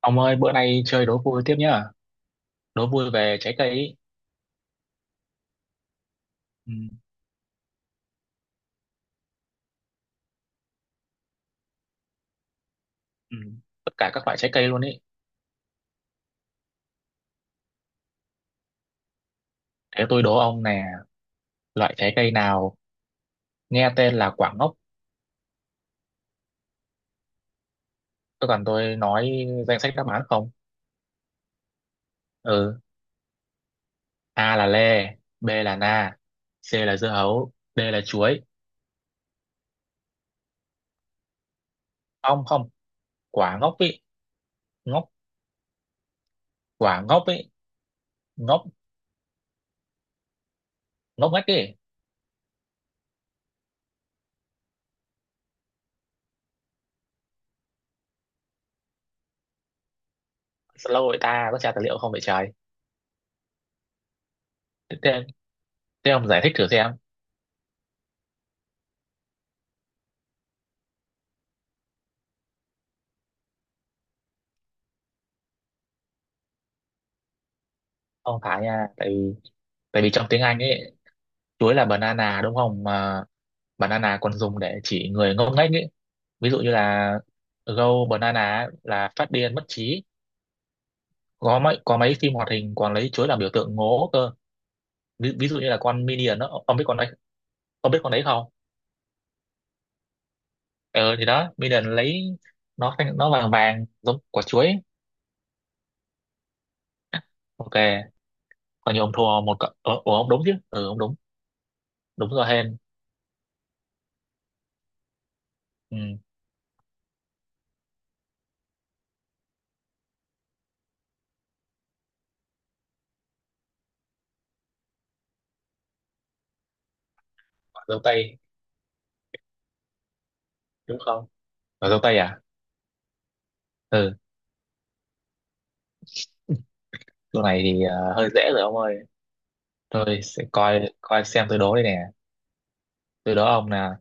Ông ơi, bữa nay chơi đố vui tiếp nhá. Đố vui về trái cây ý. Ừ, ừ. Tất cả các loại trái cây luôn ý. Thế tôi đố ông nè, loại trái cây nào nghe tên là quả ngốc. Tôi nói danh sách đáp án không? Ừ, A là lê, B là na, C là dưa hấu, D là chuối. Không không, quả ngốc ý, ngốc, quả ngốc ý, ngốc, ngốc ngách ý. Lâu rồi ta có tra tài liệu không vậy trời. Thế, thế thế ông giải thích thử xem. Ông phải nha, tại vì trong tiếng Anh ấy chuối là banana đúng không, mà banana còn dùng để chỉ người ngốc nghếch ấy. Ví dụ như là go banana ấy, là phát điên mất trí. Có mấy phim hoạt hình còn lấy chuối làm biểu tượng ngố cơ. Ví dụ như là con Minion đó, ông biết con đấy, ông biết con đấy không? Ờ thì đó Minion lấy, nó vàng vàng giống quả chuối ấy. Ok. Còn như ông thua một cậu ông đúng chứ, ừ ông đúng, đúng rồi hen. Ừ, quả dâu tây đúng không? Quả dâu tây à? Ừ. Chỗ này thì hơi dễ rồi ông ơi. Tôi sẽ coi coi xem tôi đố đây nè. Tôi đố ông là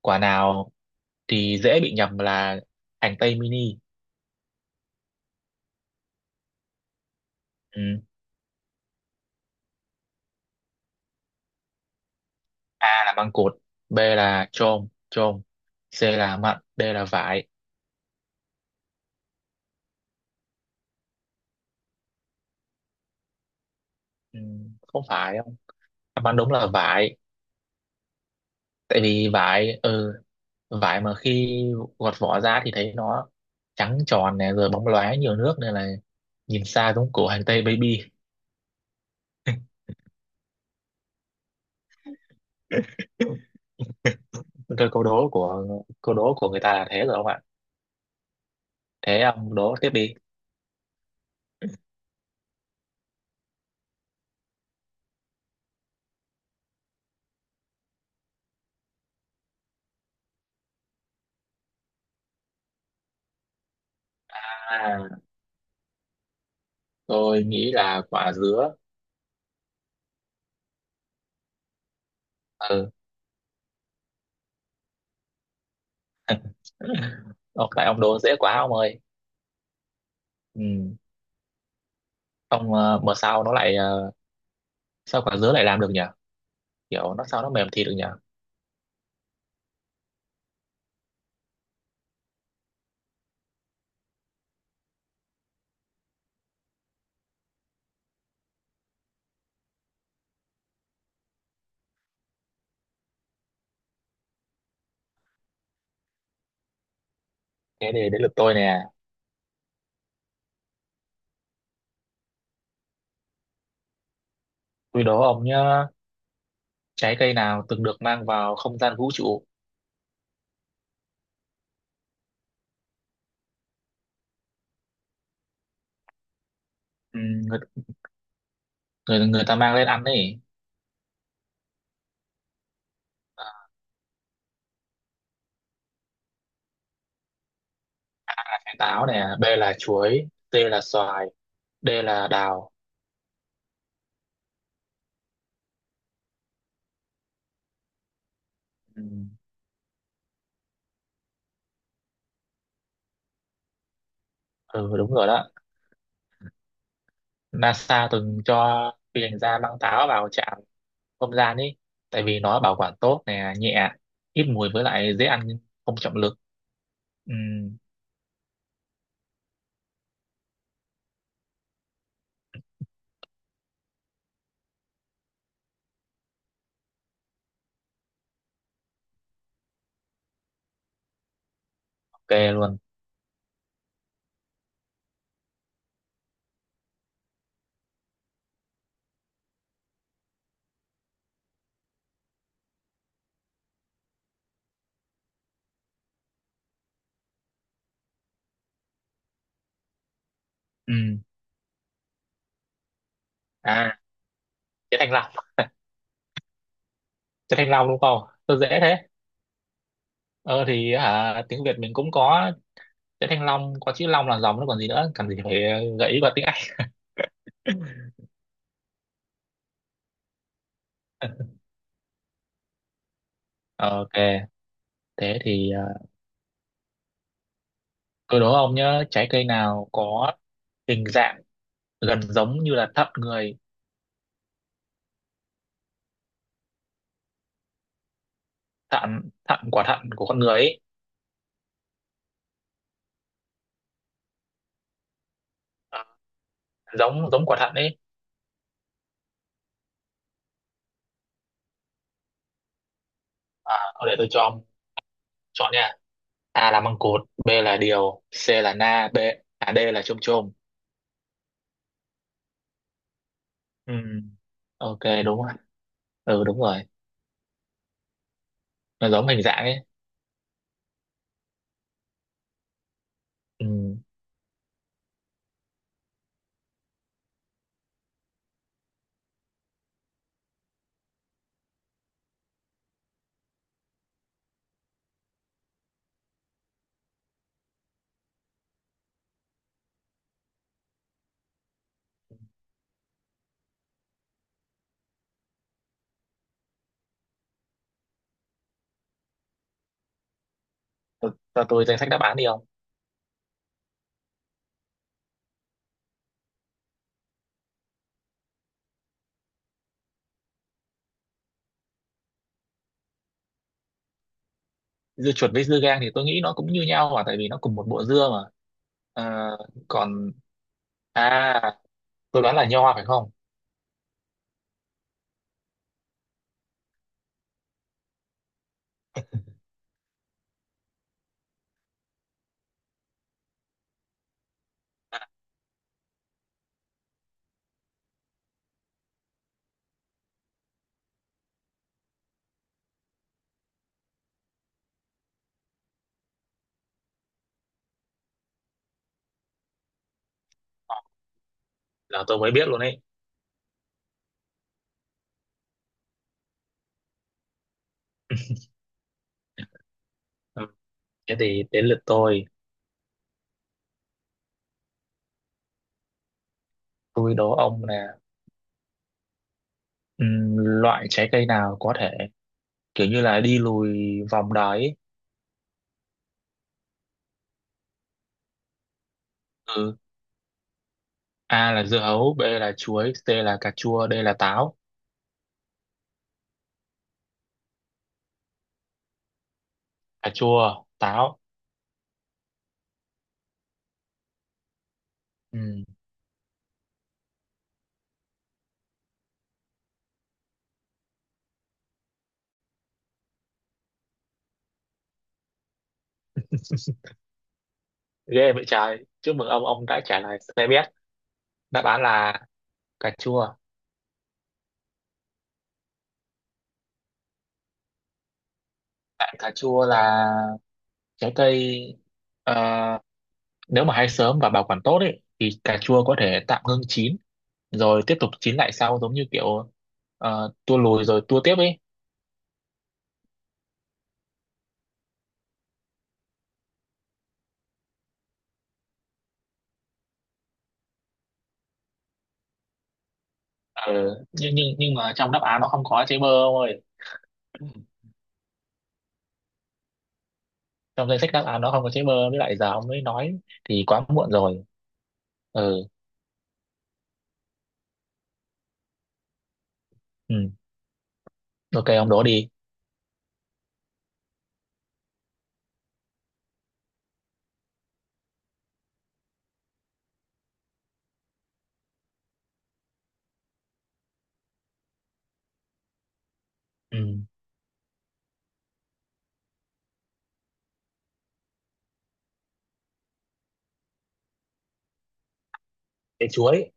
quả nào thì dễ bị nhầm là hành tây mini. Ừ. A là măng cụt, B là chôm chôm, C là mận, D là vải. Ừ. Không phải không? Đáp án đúng là vải. Tại vì vải, ừ, vải mà khi gọt vỏ ra thì thấy nó trắng tròn nè, rồi bóng loáng nhiều nước nên là nhìn xa giống củ hành tây baby. Rồi câu đố của người ta là thế rồi không ạ? Thế ông đố tiếp đi. À, tôi nghĩ là quả dứa. Ừ. Ô, tại ông đố dễ quá ông ơi. Ừ. Ông mà sao nó lại sao quả dứa lại làm được nhỉ? Kiểu nó sao nó mềm thịt được nhỉ? Thế để đến lượt tôi nè. Tôi đố ông nhá. Trái cây nào từng được mang vào không gian vũ trụ? Ừ, người, người người ta mang lên ăn ấy. À, táo nè, B là chuối, C là xoài, D là đào. Ừ, ừ đúng rồi đó. NASA từng cho phi hành gia băng táo vào trạm không gian ý, tại vì nó bảo quản tốt nè, nhẹ, ít mùi với lại dễ ăn không trọng lực. Ừ, ok luôn. Ừ. À trái thanh long, trái thanh long đúng không? Tôi dễ thế. Ờ thì hả, tiếng Việt mình cũng có trái thanh long, có chữ long là dòng nó còn gì nữa, cần gì phải gợi ý vào tiếng Anh. Ok. Thế thì tôi đố ông nhớ trái cây nào có hình dạng gần giống như là thận người. Thận thận quả thận của con người ấy. À, giống giống quả thận ấy. À, thôi để tôi cho ông chọn nha. A là măng cụt, B là điều, C là na B à, D là chôm chôm. Ừ. Ok đúng rồi, ừ đúng rồi. Nó giống hình dạng ấy. Ừ. Cho cho tôi danh sách đáp án đi không. Dưa chuột với dưa gang thì tôi nghĩ nó cũng như nhau mà, tại vì nó cùng một bộ dưa mà. À, còn à tôi đoán là nho phải không. Là tôi mới biết luôn ấy. Ừ. Thế thì đến lượt tôi. Tôi đố ông là, ừ, loại trái cây nào có thể kiểu như là đi lùi vòng đáy ấy. Ừ. A là dưa hấu, B là chuối, C là cà chua, D là táo. Cà chua táo. Ừ. Ghê vậy trời, chúc mừng ông đã trả lời, tôi biết đáp án là cà chua. Tại cà chua là trái cây, ờ, nếu mà hái sớm và bảo quản tốt ấy thì cà chua có thể tạm ngưng chín rồi tiếp tục chín lại sau, giống như kiểu tua lùi rồi tua tiếp ấy. Ừ. nhưng mà trong đáp án nó không có trái bơ ông ơi. Trong danh sách đáp án nó không có chữ mơ, với lại giờ ông mới nói thì quá muộn rồi. Ừ. Ừ, ok ông đố đi. Ừ, trái chuối.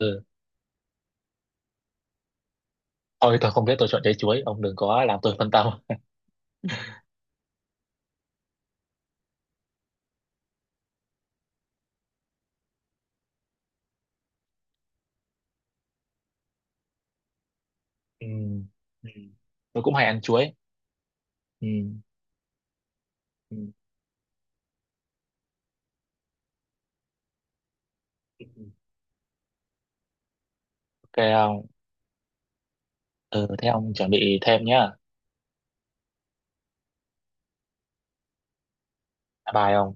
Ừ, thôi tôi không biết, tôi chọn trái chuối, ông đừng có làm tôi phân tâm. Ừ. Ừ, tôi cũng hay ăn chuối. Ừ, ừ. Ok ông. Ừ thế ông chuẩn bị thêm nhá. Bye bye ông.